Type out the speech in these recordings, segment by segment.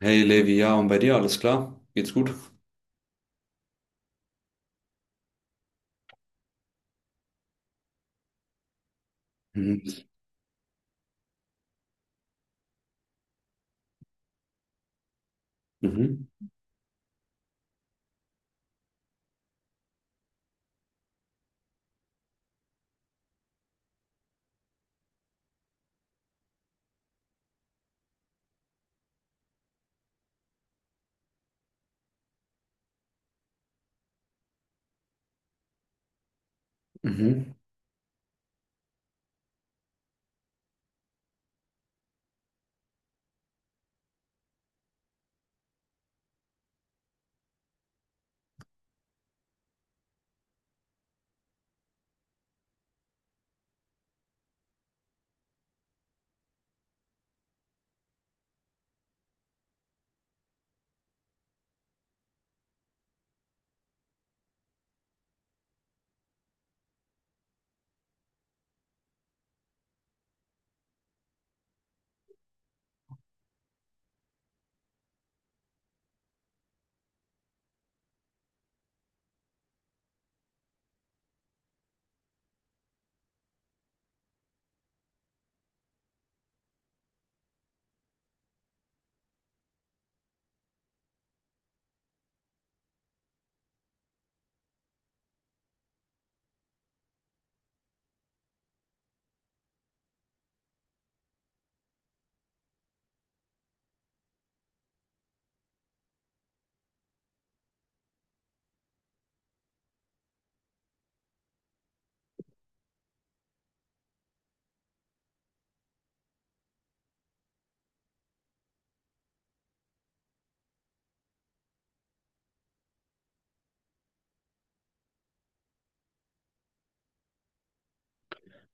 Hey Levi, ja, und bei dir alles klar? Geht's gut? Mhm. Mhm. Mhm.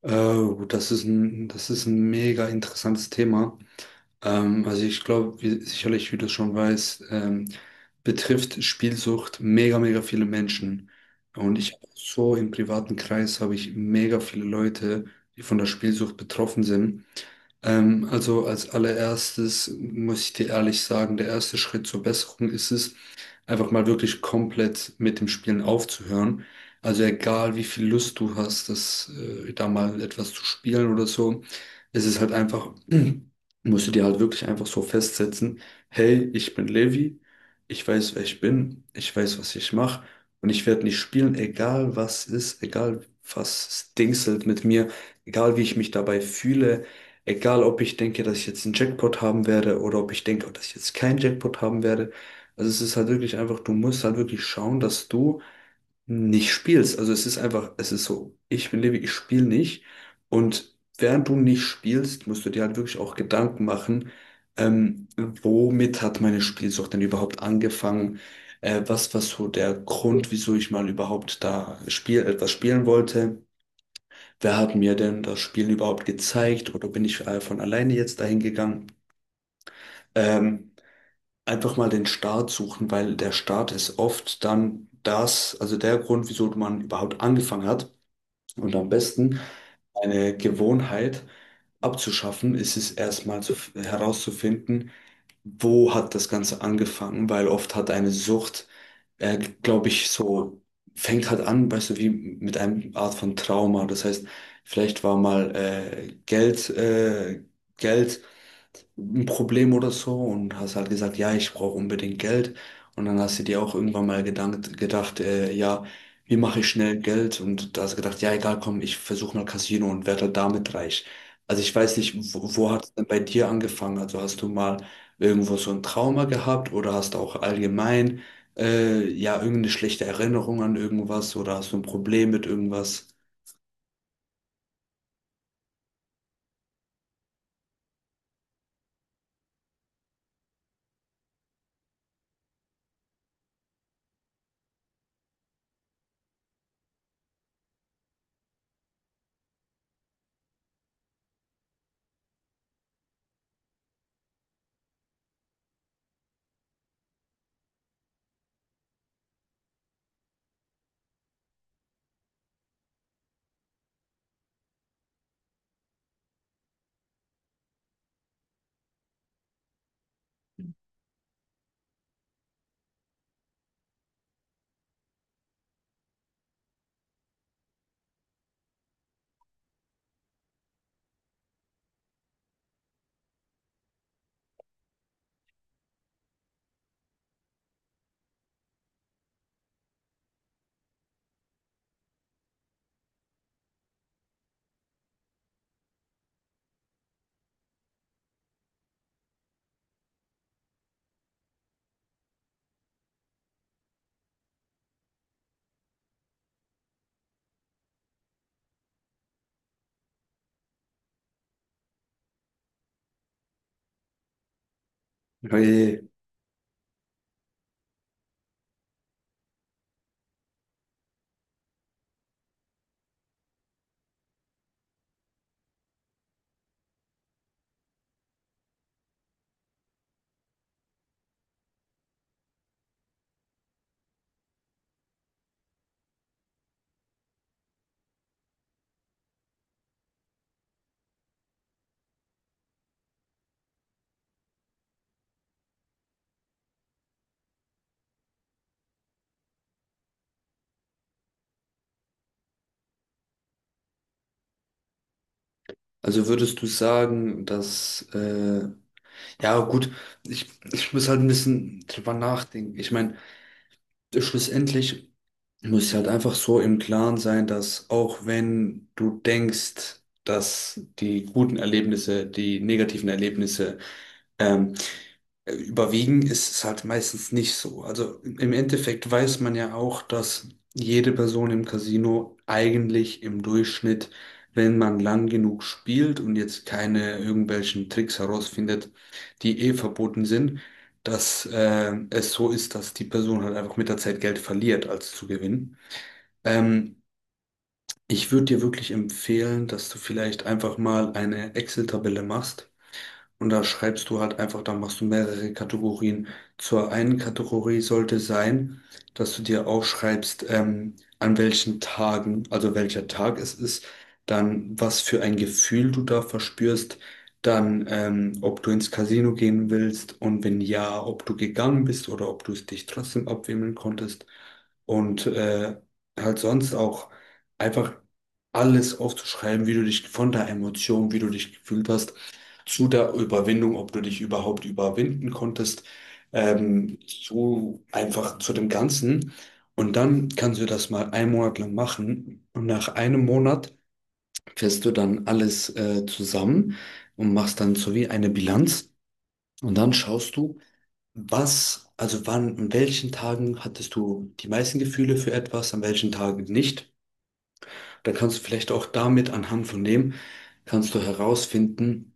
Oh, das ist ein mega interessantes Thema. Also ich glaube, wie, sicherlich, wie du schon weißt, betrifft Spielsucht mega, mega viele Menschen. Und ich hab so im privaten Kreis habe ich mega viele Leute, die von der Spielsucht betroffen sind. Also als allererstes muss ich dir ehrlich sagen, der erste Schritt zur Besserung ist es, einfach mal wirklich komplett mit dem Spielen aufzuhören. Also egal, wie viel Lust du hast, das, da mal etwas zu spielen oder so, es ist halt einfach, musst du dir halt wirklich einfach so festsetzen, hey, ich bin Levi, ich weiß, wer ich bin, ich weiß, was ich mache und ich werde nicht spielen, egal was ist, egal was es dingselt mit mir, egal wie ich mich dabei fühle. Egal, ob ich denke, dass ich jetzt einen Jackpot haben werde oder ob ich denke, dass ich jetzt keinen Jackpot haben werde, also es ist halt wirklich einfach, du musst halt wirklich schauen, dass du nicht spielst. Also es ist einfach, es ist so, ich bin Levi, ich spiele nicht. Und während du nicht spielst, musst du dir halt wirklich auch Gedanken machen, ähm, womit hat meine Spielsucht denn überhaupt angefangen? Was war so der Grund, wieso ich mal überhaupt da spiel, etwas spielen wollte? Wer hat mir denn das Spielen überhaupt gezeigt? Oder bin ich von alleine jetzt dahin gegangen? Ähm, einfach mal den Start suchen, weil der Start ist oft dann das, also der Grund, wieso man überhaupt angefangen hat. Und am besten eine Gewohnheit abzuschaffen, ist es erstmal zu, herauszufinden, wo hat das Ganze angefangen, weil oft hat eine Sucht, glaube ich, so fängt halt an, weißt du, wie mit einer Art von Trauma. Das heißt, vielleicht war mal Geld, Geld ein Problem oder so und hast halt gesagt, ja, ich brauche unbedingt Geld. Und dann hast du dir auch irgendwann mal gedacht, ja, wie mache ich schnell Geld? Und da hast du gedacht, ja, egal, komm, ich versuche mal Casino und werde halt damit reich. Also ich weiß nicht, wo, wo hat es denn bei dir angefangen? Also hast du mal irgendwo so ein Trauma gehabt oder hast du auch allgemein ja irgendeine schlechte Erinnerung an irgendwas oder hast du ein Problem mit irgendwas? Hey. Also würdest du sagen, dass ja, gut, ich muss halt ein bisschen drüber nachdenken. Ich meine, schlussendlich muss ich halt einfach so im Klaren sein, dass auch wenn du denkst, dass die guten Erlebnisse, die negativen Erlebnisse ähm, Überwiegen ist es halt meistens nicht so. Also im Endeffekt weiß man ja auch, dass jede Person im Casino eigentlich im Durchschnitt, wenn man lang genug spielt und jetzt keine irgendwelchen Tricks herausfindet, die eh verboten sind, dass es so ist, dass die Person halt einfach mit der Zeit Geld verliert, als zu gewinnen. Ähm, ich würde dir wirklich empfehlen, dass du vielleicht einfach mal eine Excel-Tabelle machst und da schreibst du halt einfach, da machst du mehrere Kategorien. Zur einen Kategorie sollte sein, dass du dir aufschreibst, an welchen Tagen, also welcher Tag es ist, dann was für ein Gefühl du da verspürst, dann ob du ins Casino gehen willst und wenn ja, ob du gegangen bist oder ob du es dich trotzdem abwimmeln konntest. Und halt sonst auch einfach alles aufzuschreiben, wie du dich von der Emotion, wie du dich gefühlt hast zu der Überwindung, ob du dich überhaupt überwinden konntest, so einfach zu dem Ganzen. Und dann kannst du das mal einen Monat lang machen. Und nach einem Monat fährst du dann alles zusammen und machst dann so wie eine Bilanz. Und dann schaust du, was, also wann, an welchen Tagen hattest du die meisten Gefühle für etwas, an welchen Tagen nicht. Dann kannst du vielleicht auch damit anhand von dem, kannst du herausfinden,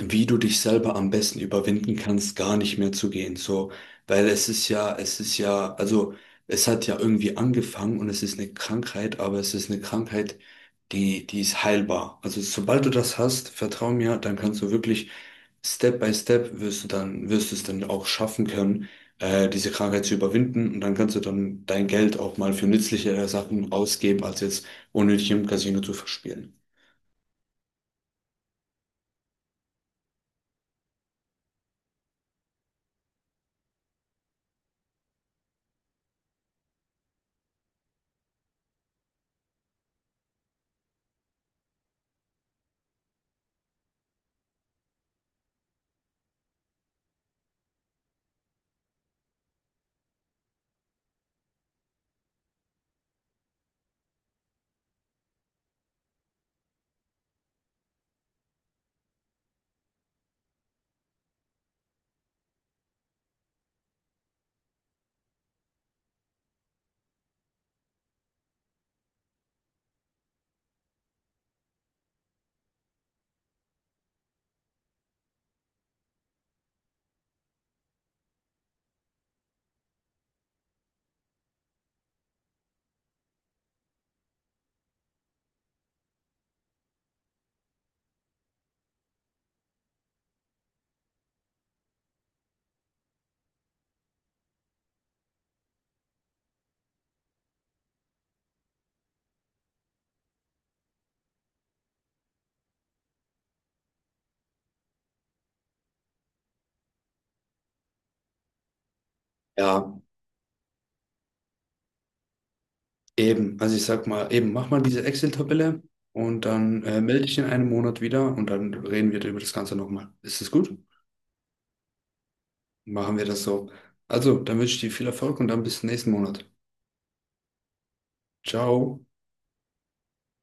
wie du dich selber am besten überwinden kannst, gar nicht mehr zu gehen. So, weil es ist ja, also es hat ja irgendwie angefangen und es ist eine Krankheit, aber es ist eine Krankheit, die, die ist heilbar. Also sobald du das hast, vertrau mir, dann kannst du wirklich Step by Step wirst du dann, wirst du es dann auch schaffen können, diese Krankheit zu überwinden und dann kannst du dann dein Geld auch mal für nützlichere Sachen ausgeben, als jetzt unnötig im Casino zu verspielen. Ja, eben. Also ich sag mal, eben, mach mal diese Excel-Tabelle und dann melde dich in einem Monat wieder und dann reden wir über das Ganze nochmal. Ist das gut? Machen wir das so. Also, dann wünsche ich dir viel Erfolg und dann bis nächsten Monat. Ciao.